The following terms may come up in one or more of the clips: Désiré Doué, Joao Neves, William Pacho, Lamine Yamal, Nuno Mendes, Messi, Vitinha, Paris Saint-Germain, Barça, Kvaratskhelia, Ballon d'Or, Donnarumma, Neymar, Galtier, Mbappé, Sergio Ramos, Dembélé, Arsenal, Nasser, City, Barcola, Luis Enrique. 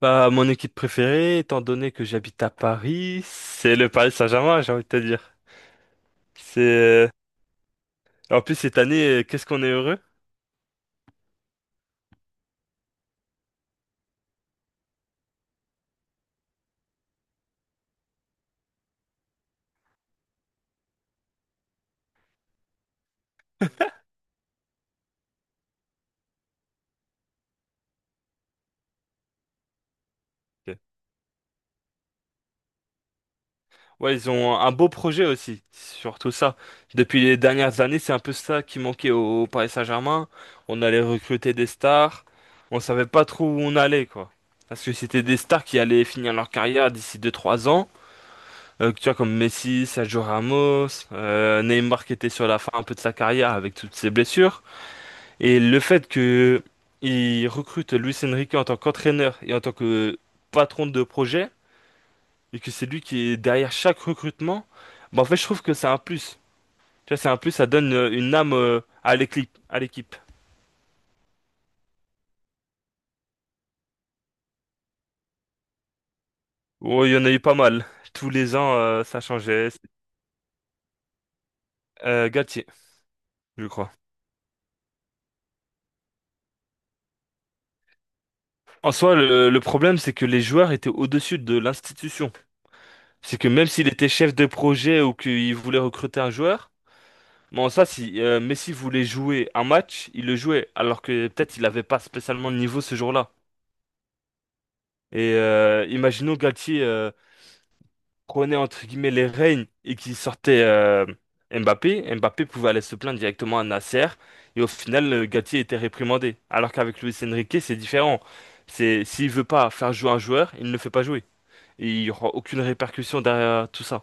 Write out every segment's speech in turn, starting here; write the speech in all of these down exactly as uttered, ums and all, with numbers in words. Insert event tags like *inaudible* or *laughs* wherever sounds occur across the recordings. Bah, mon équipe préférée, étant donné que j'habite à Paris, c'est le Paris Saint-Germain, j'ai envie de te dire. C'est euh, En plus cette année, euh, qu'est-ce qu'on est heureux. Ok. Ouais, ils ont un beau projet aussi, surtout ça. Depuis les dernières années, c'est un peu ça qui manquait au, au Paris Saint-Germain. On allait recruter des stars, on savait pas trop où on allait quoi. Parce que c'était des stars qui allaient finir leur carrière d'ici deux trois ans. Euh, tu vois, comme Messi, Sergio Ramos, euh, Neymar qui était sur la fin un peu de sa carrière avec toutes ses blessures. Et le fait que il recrute Luis Enrique en tant qu'entraîneur et en tant que patron de projet, et que c'est lui qui est derrière chaque recrutement, bah en fait je trouve que c'est un plus. Tu vois, c'est un plus, ça donne euh, une âme euh, à l'équipe, à l'équipe. Oh, il y en a eu pas mal. Tous les ans, euh, ça changeait. Euh, Galtier, je crois. En soi, le, le problème, c'est que les joueurs étaient au-dessus de l'institution. C'est que même s'il était chef de projet ou qu'il voulait recruter un joueur. Bon, ça, si euh, Messi voulait jouer un match, il le jouait, alors que peut-être il n'avait pas spécialement le niveau ce jour-là. Et euh, imaginons Galtier, euh, prenait entre guillemets les rênes et qu'il sortait euh, Mbappé. Mbappé pouvait aller se plaindre directement à Nasser et au final, euh, Galtier était réprimandé. Alors qu'avec Luis Enrique, c'est différent. C'est s'il veut pas faire jouer un joueur, il ne le fait pas jouer. Et il n'y aura aucune répercussion derrière tout ça.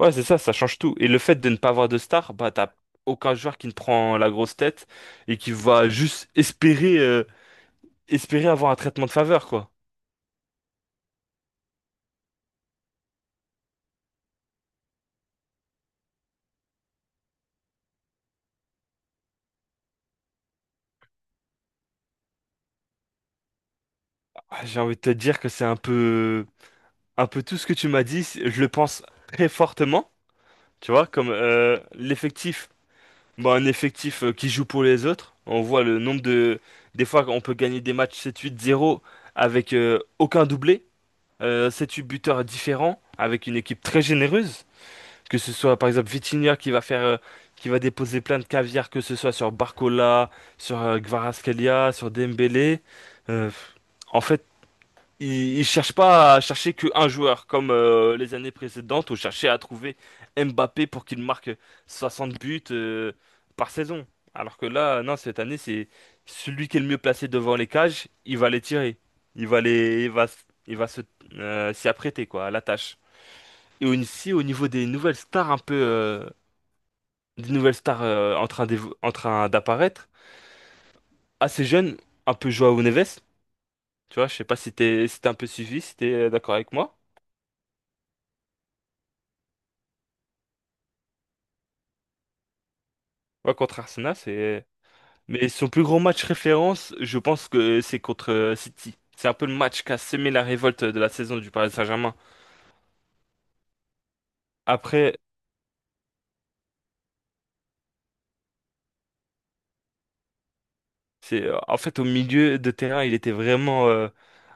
Ouais, c'est ça, ça change tout. Et le fait de ne pas avoir de star, bah t'as aucun joueur qui ne prend la grosse tête et qui va juste espérer euh, espérer avoir un traitement de faveur, quoi. Ah, j'ai envie de te dire que c'est un peu un peu tout ce que tu m'as dit, c'est- je le pense très fortement, tu vois, comme euh, l'effectif, bah un effectif euh, qui joue pour les autres. On voit le nombre de des fois on peut gagner des matchs sept huit zéro avec euh, aucun doublé, euh, sept huit buteurs différents avec une équipe très généreuse. Que ce soit par exemple Vitinha qui va faire, euh, qui va déposer plein de caviar, que ce soit sur Barcola, sur euh, Kvaratskhelia, sur Dembélé. Euh, En fait, ils, ils cherchent pas à chercher qu'un joueur comme euh, les années précédentes où cherchait à trouver Mbappé pour qu'il marque soixante buts euh, par saison. Alors que là, non, cette année, c'est celui qui est le mieux placé devant les cages, il va les tirer. Il va les, il va, s- il va se, euh, s'y apprêter quoi, à la tâche. Et aussi au niveau des nouvelles stars un peu euh, des nouvelles stars euh, en train d'évo- en train d'apparaître, assez jeunes, un peu Joao Neves, tu vois, je sais pas si t'es si t'as un peu suivi, si t'es euh, d'accord avec moi. Ouais, contre Arsenal, c'est mais son plus gros match référence, je pense que c'est contre euh, City. C'est un peu le match qui a semé la révolte de la saison du Paris Saint-Germain. Après, C'est, euh, en fait, au milieu de terrain, il était vraiment euh,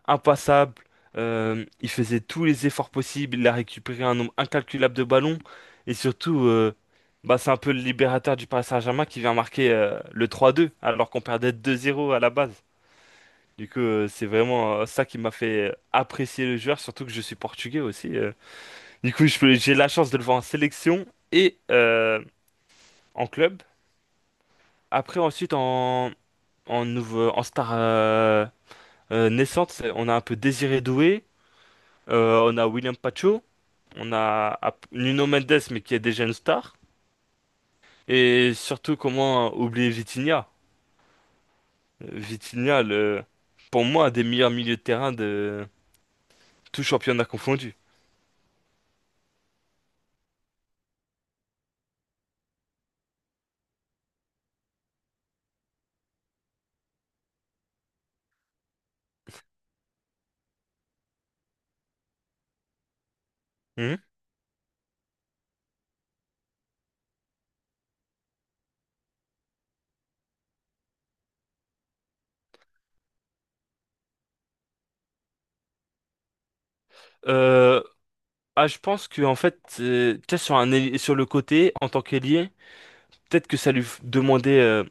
impassable. Euh, il faisait tous les efforts possibles. Il a récupéré un nombre incalculable de ballons. Et surtout, euh, bah, c'est un peu le libérateur du Paris Saint-Germain qui vient marquer euh, le trois deux, alors qu'on perdait deux zéro à la base. Du coup, euh, c'est vraiment euh, ça qui m'a fait euh, apprécier le joueur, surtout que je suis portugais aussi. euh. Du coup, je peux- j'ai la chance de le voir en sélection et euh, en club. Après, ensuite, en, en, nouveau, en star. euh, Euh, Naissante, c'est- on a un peu Désiré Doué, euh, on a William Pacho, on a Ap- Nuno Mendes, mais qui est déjà une star. Et surtout, comment oublier Vitinha? Euh, Vitinha, le, pour moi, un des meilleurs milieux de terrain de tout championnat confondu. Mhm. Euh, ah, je pense que en fait, euh, tu sais, sur un, ailier- sur le côté, en tant qu'ailier, peut-être que ça lui f- demandait euh,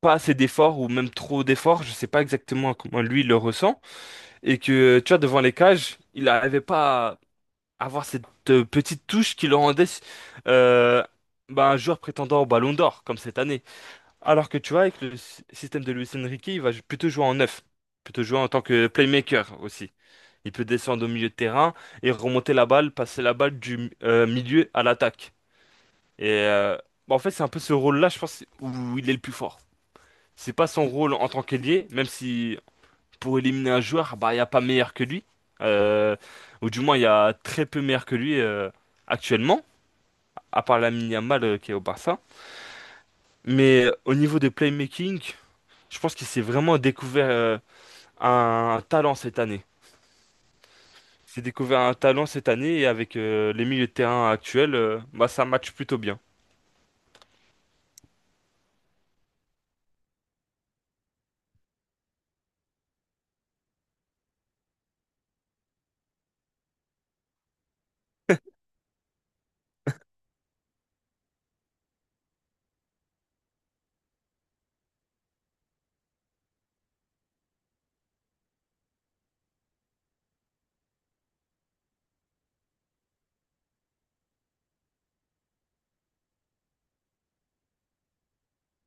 pas assez d'efforts ou même trop d'efforts. Je sais pas exactement comment lui il le ressent. Et que, tu vois, devant les cages, il n'arrivait pas avoir cette euh, petite touche qui le rendait euh, bah, un joueur prétendant au Ballon d'Or, comme cette année. Alors que tu vois, avec le sy- système de Luis Enrique, il va plutôt jouer en neuf, plutôt jouer en tant que playmaker aussi. Il peut descendre au milieu de terrain et remonter la balle, passer la balle du euh, milieu à l'attaque. Et euh, Bah, en fait, c'est un peu ce rôle-là, je pense, où il est le plus fort. C'est pas son rôle en tant qu'ailier, même si pour éliminer un joueur, bah, il n'y a pas meilleur que lui. Euh, ou du moins, il y a très peu meilleur que lui euh, actuellement, à part Lamine Yamal euh, qui est au Barça. Mais euh, au niveau de playmaking, je pense qu'il s'est vraiment découvert euh, un talent cette année. Il s'est découvert un talent cette année et avec euh, les milieux de terrain actuels, euh, bah, ça match plutôt bien. *laughs*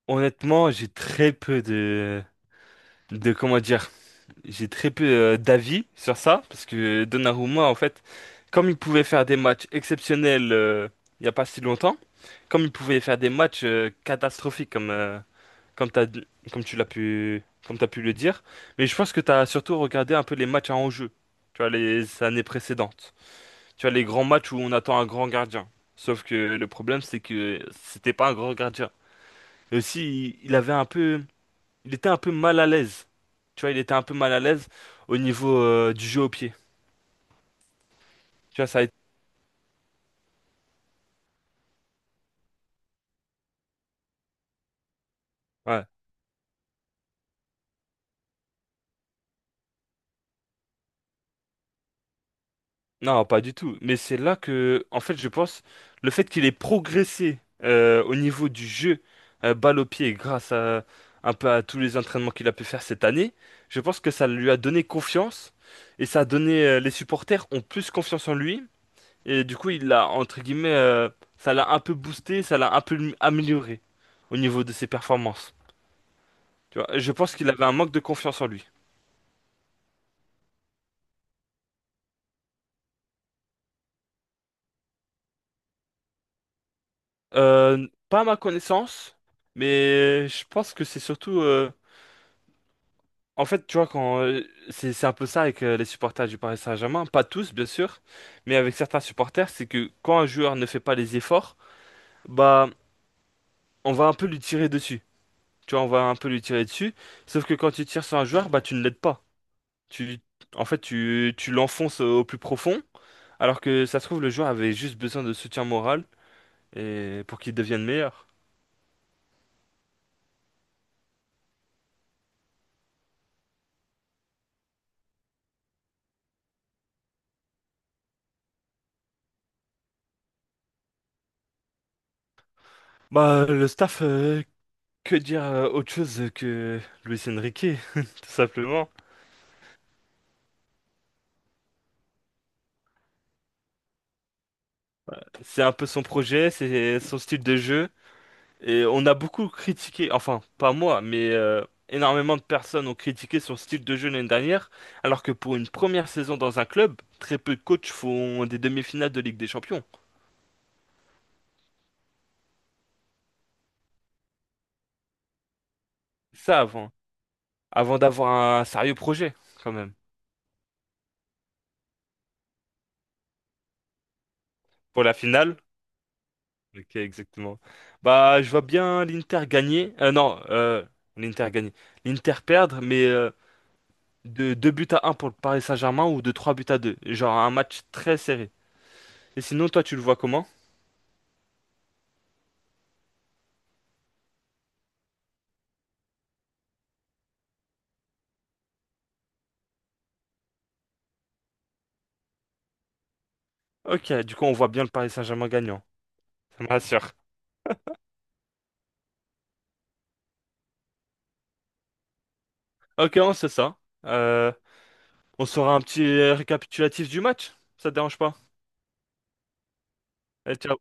Honnêtement, j'ai très peu de, de comment dire, j'ai très peu euh, d'avis sur ça, parce que Donnarumma, en fait, comme il pouvait faire des matchs exceptionnels euh, il n'y a pas si longtemps, comme il pouvait faire des matchs euh, catastrophiques comme, euh, comme, t'as, comme tu l'as pu, comme t'as pu le dire, mais je pense que tu as surtout regardé un peu les matchs à enjeu, tu vois, les années précédentes, tu vois, les grands matchs où on attend un grand gardien. Sauf que le problème, c'est que c'était pas un grand gardien. Et aussi, il il avait un peu il était un peu mal à l'aise. Tu vois, il était un peu mal à l'aise au niveau euh, du jeu au pied. Tu vois, ça a été... Ouais. Non, pas du tout. Mais c'est là que, en fait, je pense, le fait qu'il ait progressé euh, au niveau du jeu euh, balle au pied grâce à un peu à tous les entraînements qu'il a pu faire cette année, je pense que ça lui a donné confiance et ça a donné euh, les supporters ont plus confiance en lui et du coup, il l'a entre guillemets, euh, ça l'a un peu boosté, ça l'a un peu amélioré au niveau de ses performances. Tu vois, je pense qu'il avait un manque de confiance en lui. Euh, pas à ma connaissance, mais je pense que c'est surtout. euh, En fait, tu vois, quand euh, c'est c'est un peu ça avec euh, les supporters du Paris Saint-Germain, pas tous bien sûr, mais avec certains supporters, c'est que quand un joueur ne fait pas les efforts, bah on va un peu lui tirer dessus. Tu vois, on va un peu lui tirer dessus. Sauf que quand tu tires sur un joueur, bah tu ne l'aides pas. Tu, En fait, tu, tu l'enfonces au plus profond, alors que ça se trouve le joueur avait juste besoin de soutien moral et pour qu'il devienne meilleur. Bah, le staff, euh, que dire euh, autre chose que Luis Enrique, *laughs* tout simplement. C'est un peu son projet, c'est son style de jeu. Et on a beaucoup critiqué, enfin, pas moi, mais euh, énormément de personnes ont critiqué son style de jeu l'année dernière, alors que pour une première saison dans un club, très peu de coachs font des demi-finales de Ligue des Champions. Ça avant, avant d'avoir un sérieux projet, quand même. Pour la finale. Ok, exactement. Bah, je vois bien l'Inter gagner. Euh, non, euh, l'Inter gagner. L'Inter perdre, mais euh, de deux buts à un pour le Paris Saint-Germain ou de trois buts à deux. Genre un match très serré. Et sinon, toi, tu le vois comment? Ok, du coup, on voit bien le Paris Saint-Germain gagnant. Ça me rassure. Ok, on sait ça. Euh, on saura un petit récapitulatif du match. Ça te dérange pas? Et